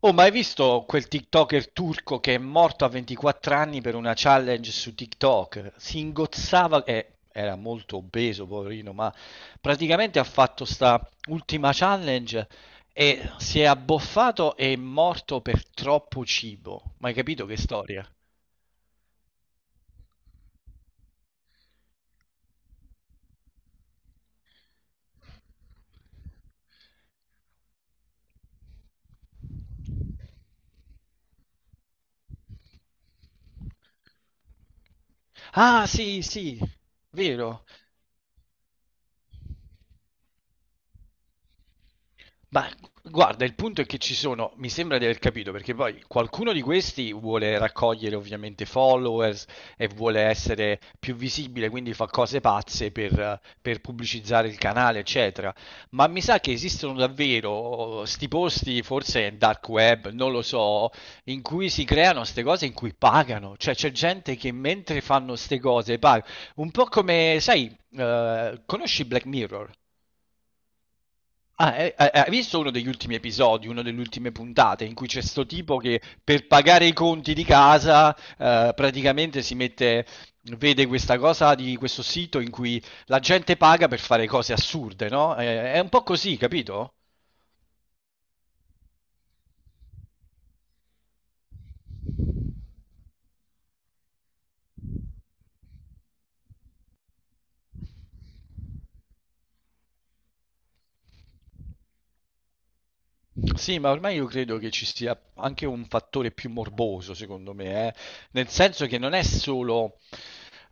Oh, ma hai visto quel TikToker turco che è morto a 24 anni per una challenge su TikTok? Si ingozzava, era molto obeso, poverino, ma praticamente ha fatto sta ultima challenge e si è abboffato e è morto per troppo cibo. Ma hai capito che storia? Ah, sì, sì, vero. Ma guarda, il punto è che ci sono, mi sembra di aver capito, perché poi qualcuno di questi vuole raccogliere ovviamente followers e vuole essere più visibile, quindi fa cose pazze per pubblicizzare il canale, eccetera. Ma mi sa che esistono davvero oh, sti posti, forse in dark web, non lo so, in cui si creano ste cose in cui pagano. Cioè c'è gente che mentre fanno ste cose paga. Un po' come, sai, conosci Black Mirror? Hai visto uno degli ultimi episodi, una delle ultime puntate, in cui c'è sto tipo che per pagare i conti di casa, praticamente si mette, vede questa cosa di questo sito in cui la gente paga per fare cose assurde, no? È un po' così, capito? Sì, ma ormai io credo che ci sia anche un fattore più morboso, secondo me, eh. Nel senso che non è solo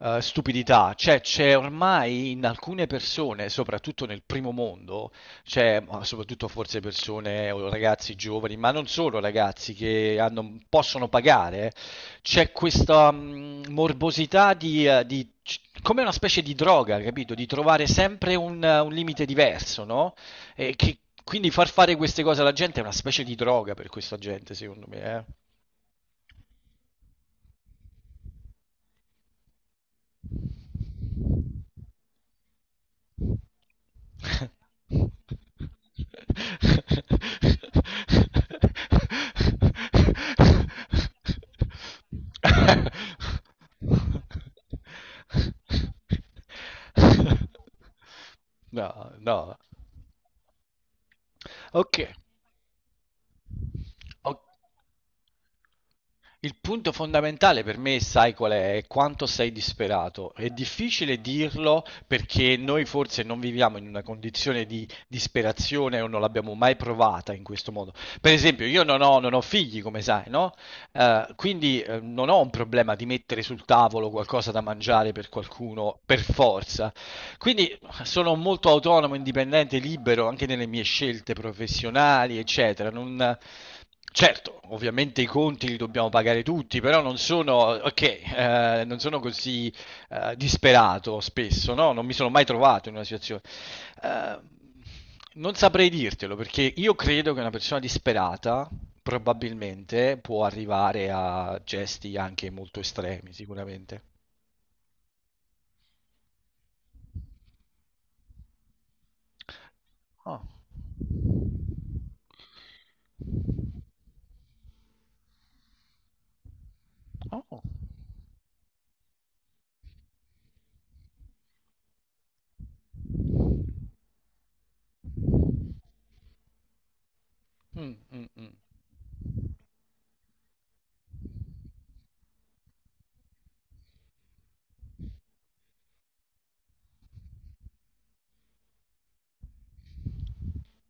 stupidità, cioè c'è ormai in alcune persone, soprattutto nel primo mondo, c'è ma soprattutto forse persone o ragazzi giovani, ma non solo ragazzi possono pagare, c'è questa morbosità come una specie di droga, capito? Di trovare sempre un limite diverso, no? E che, quindi far fare queste cose alla gente è una specie di droga per questa gente, secondo me, eh. No, no. Ok, ok. Il punto fondamentale per me, sai qual è? È quanto sei disperato. È difficile dirlo perché noi forse non viviamo in una condizione di disperazione o non l'abbiamo mai provata in questo modo. Per esempio, io non ho figli, come sai, no? Non ho un problema di mettere sul tavolo qualcosa da mangiare per qualcuno per forza. Quindi sono molto autonomo, indipendente, libero anche nelle mie scelte professionali, eccetera. Non... Certo, ovviamente i conti li dobbiamo pagare tutti, però non sono, ok, non sono così disperato spesso, no? Non mi sono mai trovato in una situazione. Eh, non saprei dirtelo perché io credo che una persona disperata probabilmente può arrivare a gesti anche molto estremi, sicuramente. Oh, oh. Mm, mm.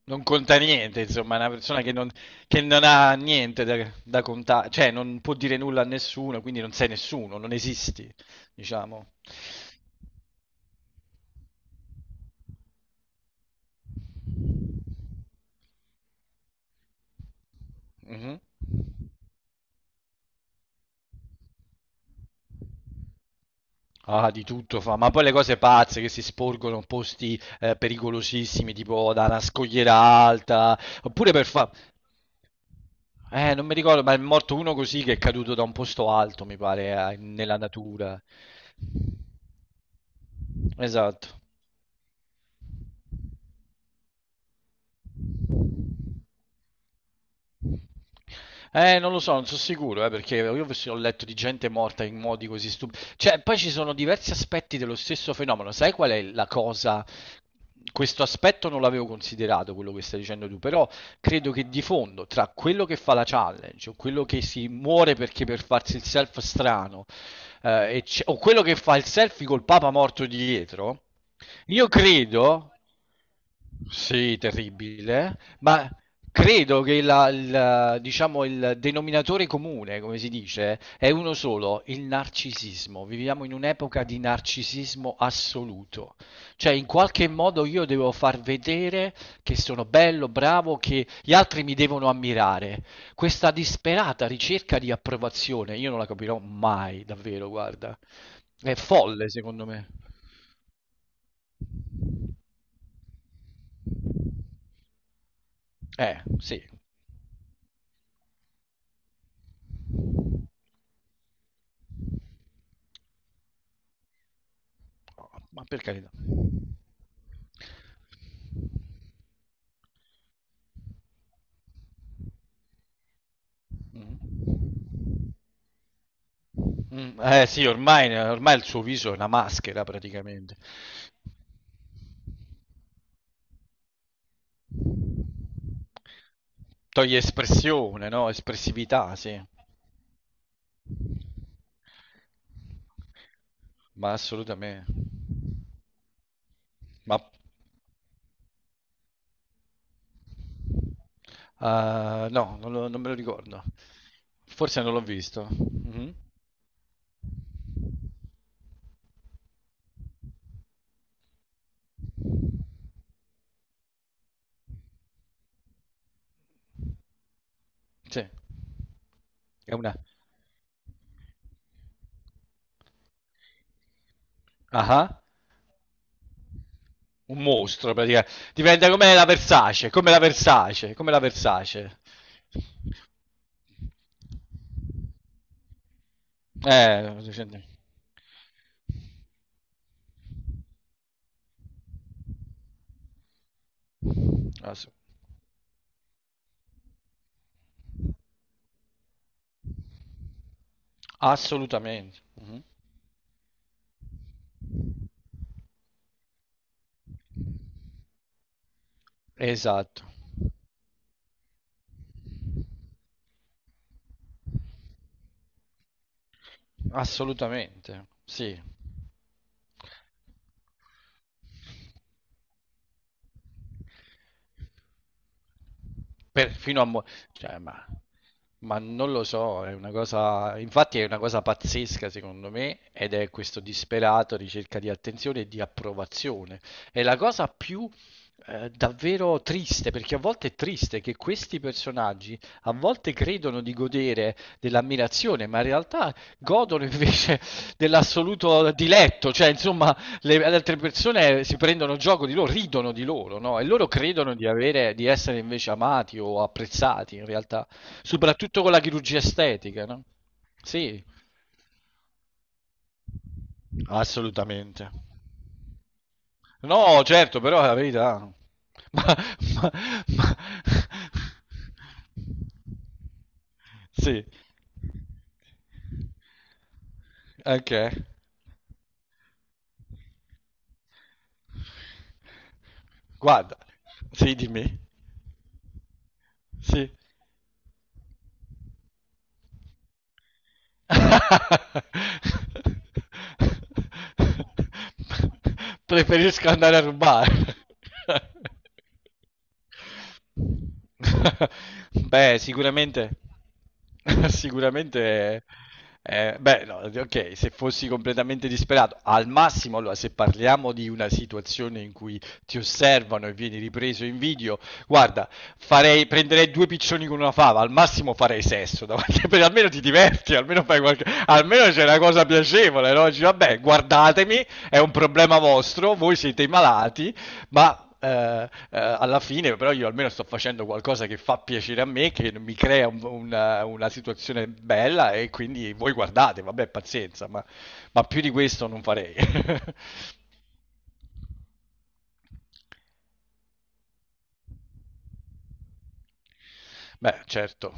Non conta niente, insomma, è una persona che non ha niente da, da contare, cioè non può dire nulla a nessuno, quindi non sei nessuno, non esisti, diciamo. Mhm. Ah, di tutto fa, ma poi le cose pazze che si sporgono in posti pericolosissimi, tipo da una scogliera alta, oppure per fa... non mi ricordo, ma è morto uno così che è caduto da un posto alto, mi pare, nella natura. Esatto. Non lo so, non sono sicuro, perché io ho ho letto di gente morta in modi così stupidi. Cioè, poi ci sono diversi aspetti dello stesso fenomeno. Sai qual è la cosa? Questo aspetto non l'avevo considerato, quello che stai dicendo tu, però credo che di fondo, tra quello che fa la challenge, o quello che si muore perché per farsi il self strano, o quello che fa il selfie col papa morto dietro, io credo... Sì, terribile, ma credo che diciamo, il denominatore comune, come si dice, è uno solo, il narcisismo. Viviamo in un'epoca di narcisismo assoluto. Cioè, in qualche modo io devo far vedere che sono bello, bravo, che gli altri mi devono ammirare. Questa disperata ricerca di approvazione, io non la capirò mai, davvero, guarda. È folle, secondo me. Sì, ma per carità. Mm. Mm, eh sì, ormai il suo viso è una maschera praticamente. Toglie espressione, no? Espressività, sì. Ma assolutamente. Ma no, non me lo ricordo. Forse non l'ho visto. Mhm. Sì, è una... ah, un mostro praticamente. Diventa come la Versace, come la Versace, come la Versace. Eh, ass- assolutamente. Mhm. Esatto. Assolutamente, sì. Per fino a mo cioè, ma non lo so, è una cosa infatti è una cosa pazzesca secondo me ed è questo disperato ricerca di attenzione e di approvazione. È la cosa più davvero triste, perché a volte è triste che questi personaggi a volte credono di godere dell'ammirazione, ma in realtà godono invece dell'assoluto diletto, cioè insomma le altre persone si prendono gioco di loro, ridono di loro, no? E loro credono di avere, di essere invece amati o apprezzati in realtà, soprattutto con la chirurgia estetica, no? Sì, assolutamente. No, certo, però è la verità. Ma, ma, ma... Sì, ok. Guarda, sì, dimmi. Sì. Preferisco andare a rubare. Beh, sicuramente, sicuramente, beh, no, ok, se fossi completamente disperato, al massimo, allora, se parliamo di una situazione in cui ti osservano e vieni ripreso in video, guarda, prenderei due piccioni con una fava, al massimo farei sesso, davanti, almeno ti diverti, almeno fai qualche, almeno c'è una cosa piacevole, no? Dici, vabbè, guardatemi, è un problema vostro, voi siete i malati, ma alla fine però io almeno sto facendo qualcosa che fa piacere a me, che mi crea una situazione bella e quindi voi guardate, vabbè, pazienza, ma più di questo non farei. Beh, certo.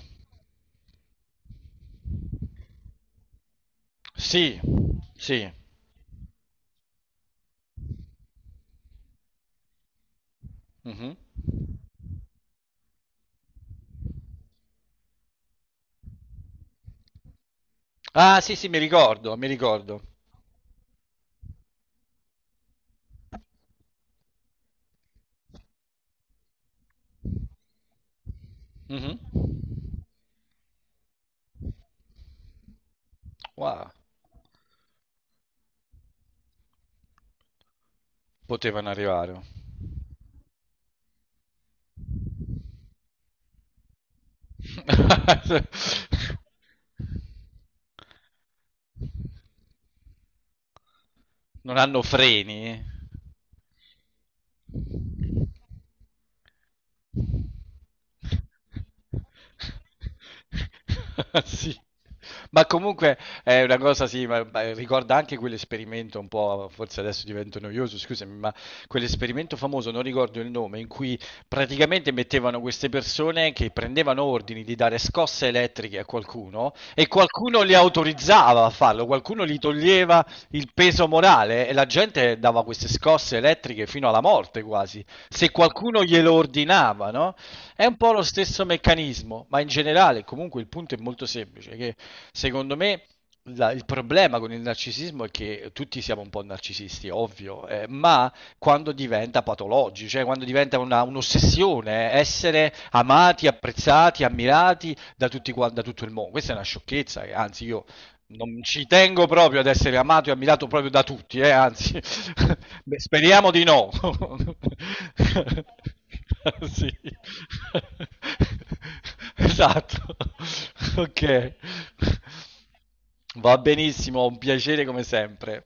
Sì, sì. Mhm. Ah, sì, sì, mi ricordo, mi ricordo. Mhm. Wow, potevano arrivare. Non hanno freni? Sì. Ma comunque è una cosa, sì, ma ricorda anche quell'esperimento un po', forse adesso divento noioso, scusami, ma quell'esperimento famoso, non ricordo il nome, in cui praticamente mettevano queste persone che prendevano ordini di dare scosse elettriche a qualcuno e qualcuno li autorizzava a farlo, qualcuno gli toglieva il peso morale e la gente dava queste scosse elettriche fino alla morte quasi se qualcuno glielo ordinava, no? È un po' lo stesso meccanismo, ma in generale, comunque il punto è molto semplice, che secondo me il problema con il narcisismo è che tutti siamo un po' narcisisti, ovvio, ma quando diventa patologico, cioè quando diventa un'ossessione, essere amati, apprezzati, ammirati da tutti da tutto il mondo, questa è una sciocchezza, che, anzi io non ci tengo proprio ad essere amato e ammirato proprio da tutti, anzi, beh, speriamo di no. Sì. Esatto. Ok. Va benissimo, un piacere come sempre.